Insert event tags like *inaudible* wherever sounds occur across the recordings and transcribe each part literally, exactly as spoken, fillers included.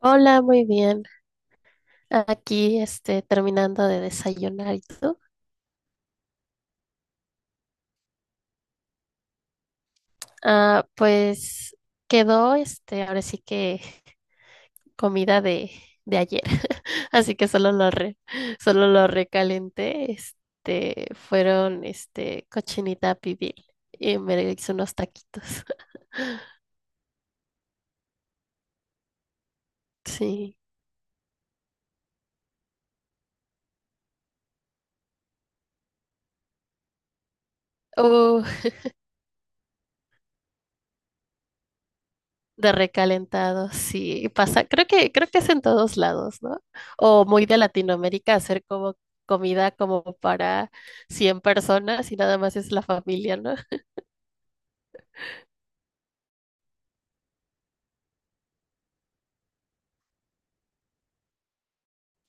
Hola, muy bien. Aquí, este, terminando de desayunar. ¿Y tú? Ah, pues quedó, este, ahora sí que comida de, de ayer. *laughs* Así que solo lo re, solo lo recalenté. Este, fueron, este, cochinita pibil y me hice unos taquitos. *laughs* Sí. De recalentado, sí, pasa, creo que, creo que es en todos lados, ¿no? O muy de Latinoamérica, hacer como comida como para cien personas y nada más es la familia, ¿no?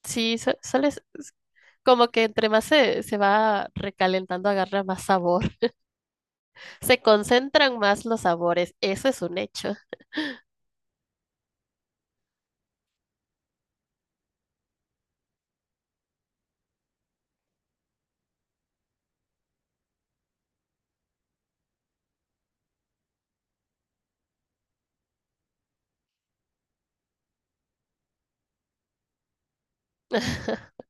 Sí, su- suele, s- s- como que entre más se, se va recalentando, agarra más sabor, se concentran más los sabores. Eso es un hecho. *laughs*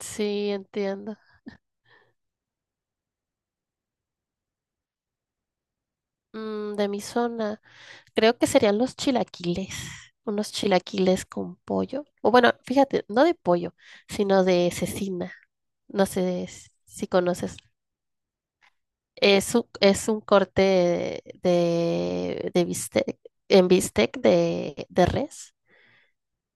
Sí, entiendo. Mm, de mi zona. Creo que serían los chilaquiles, unos chilaquiles con pollo. O bueno, fíjate, no de pollo, sino de cecina. No sé s- si conoces. Es un, es un corte de, de bistec, en bistec de, de res,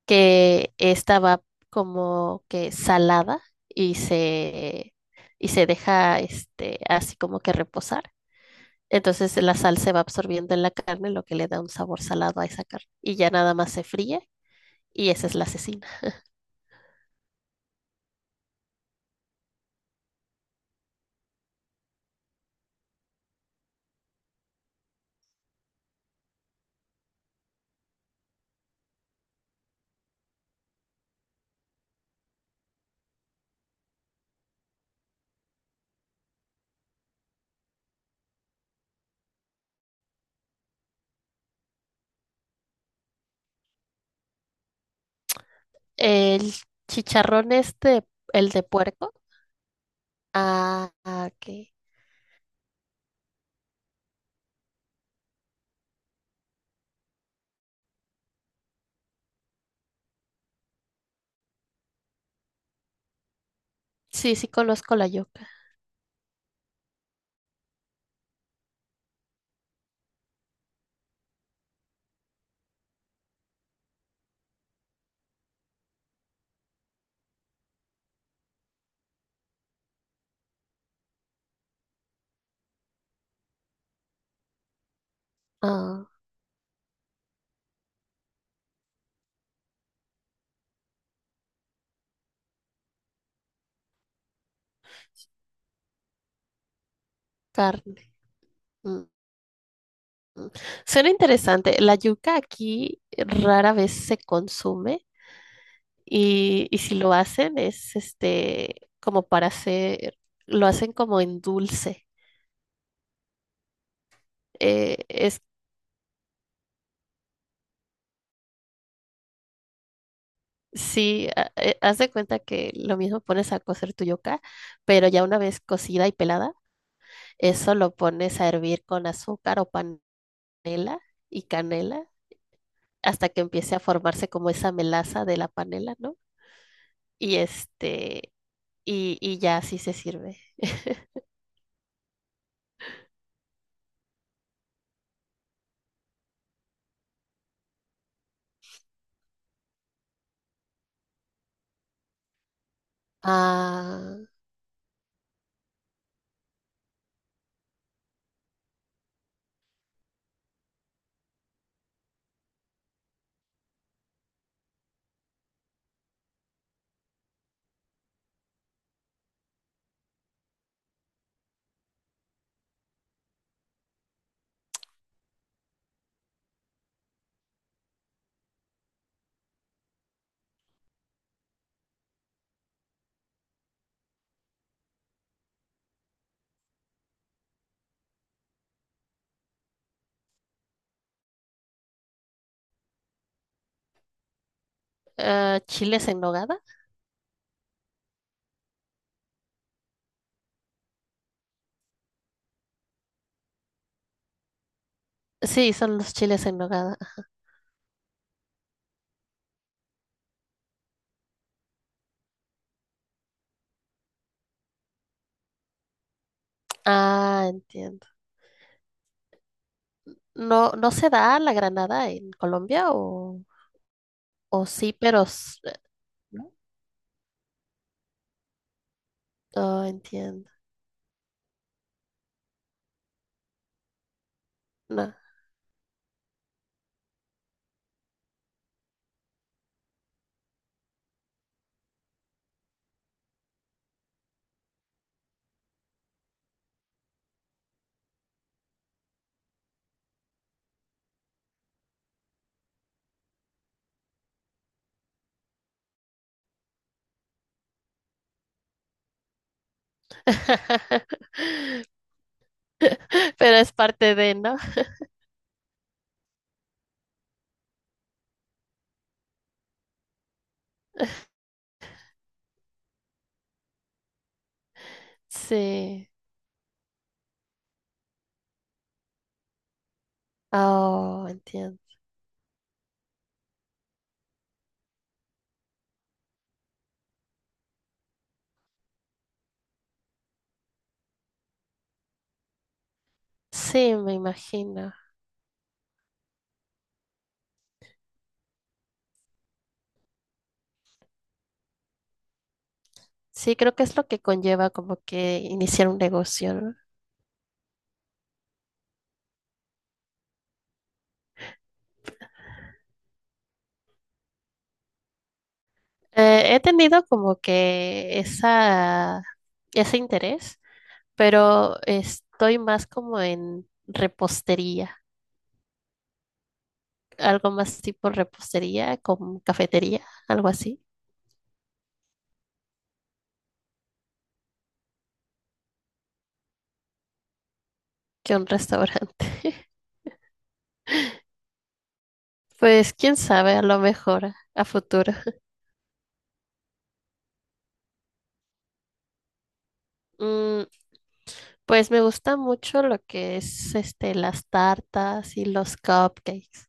que estaba como que salada y se, y se deja este, así como que reposar. Entonces la sal se va absorbiendo en la carne, lo que le da un sabor salado a esa carne. Y ya nada más se fríe. Y esa es la asesina. El chicharrón este, el de puerco. Ah, ah, ok. Sí, sí conozco la yuca. Ah, carne. Mm, mm. Suena interesante. La yuca aquí rara vez se consume y, y si lo hacen es este como para hacer, lo hacen como en dulce. Eh, es sí, ha- eh, haz de cuenta que lo mismo pones a cocer tu yuca, pero ya una vez cocida y pelada, eso lo pones a hervir con azúcar o panela y canela hasta que empiece a formarse como esa melaza de la panela, ¿no? Y este, y, y ya así se sirve. Ah, ah, ¿chiles en nogada? Sí, son los chiles en nogada. Ah, entiendo. ¿No, no se da la granada en Colombia? O, o sí, pero... s- eh, ¿no? Ah, entiendo. No. *laughs* Pero es parte de, ¿no? Sí. Oh, entiendo. Sí, me imagino. Sí, creo que es lo que conlleva como que iniciar un negocio, ¿no? Eh, he tenido como que esa, ese interés, pero estoy más como en repostería, algo más tipo repostería, con cafetería, algo así, que un restaurante. *laughs* Pues quién sabe, a lo mejor a futuro. *laughs* Mm, pues me gusta mucho lo que es este las tartas y los cupcakes.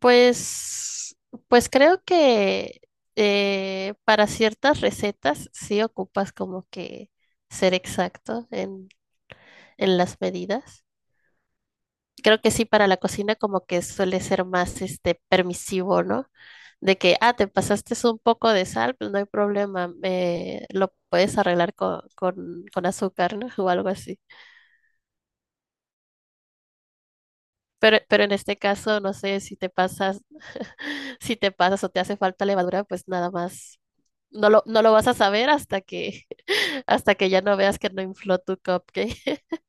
Pues, pues creo que eh, para ciertas recetas sí ocupas como que ser exacto en, en las medidas. Creo que sí, para la cocina como que suele ser más este permisivo, ¿no? De que, ah, te pasaste un poco de sal, pues no hay problema, eh, lo puedes arreglar con, con, con azúcar, ¿no? *laughs* O algo así. Pero, pero en este caso, no sé si te pasas, *laughs* si te pasas o te hace falta levadura, pues nada más. No lo, no lo vas a saber hasta que, *laughs* hasta que ya no veas que no infló tu cupcake. *laughs*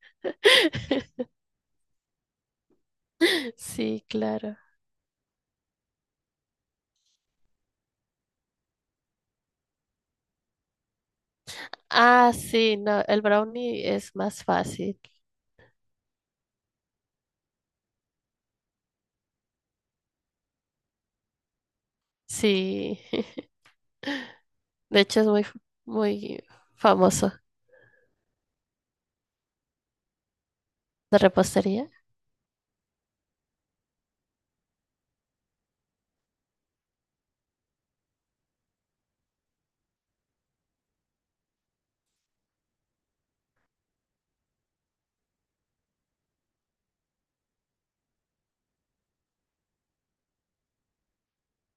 Sí, claro. Ah, sí, no, el brownie es más fácil. Sí. *laughs* De hecho, es muy, muy famoso de repostería.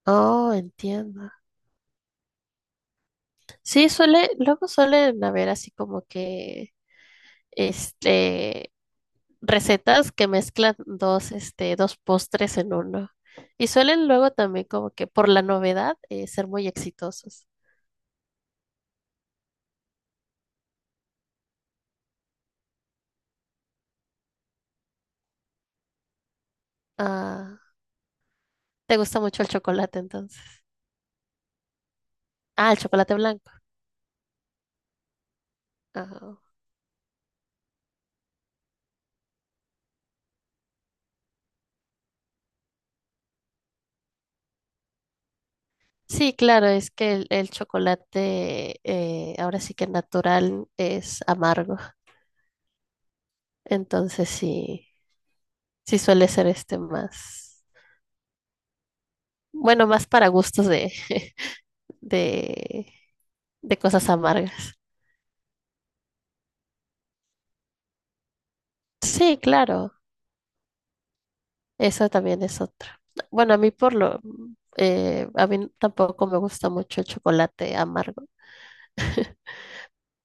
Oh, entiendo. Sí, suele, luego suelen haber así como que, este, recetas que mezclan dos, este, dos postres en uno. Y suelen luego también como que por la novedad eh, ser muy exitosos. Ah, ¿te gusta mucho el chocolate entonces? Ah, el chocolate blanco. Ah, sí, claro, es que el, el chocolate eh, ahora sí que natural es amargo. Entonces sí, sí suele ser este más, bueno, más para gustos de, *laughs* de, de cosas amargas. Sí, claro. Esa también es otra. Bueno, a mí por lo, eh, a mí tampoco me gusta mucho el chocolate amargo,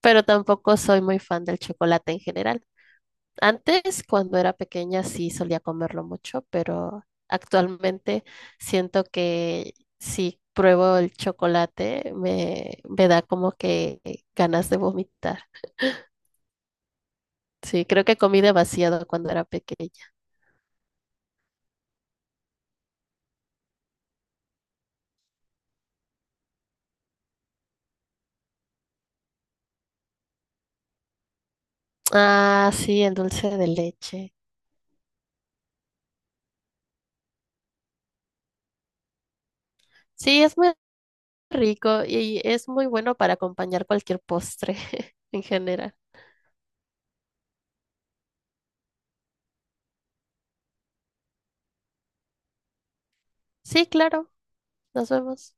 pero tampoco soy muy fan del chocolate en general. Antes, cuando era pequeña, sí solía comerlo mucho, pero actualmente siento que si pruebo el chocolate me, me da como que ganas de vomitar. Sí, creo que comí demasiado cuando era pequeña. Ah, sí, el dulce de leche. Sí, es muy rico y es muy bueno para acompañar cualquier postre *laughs* en general. Sí, claro, nos vemos.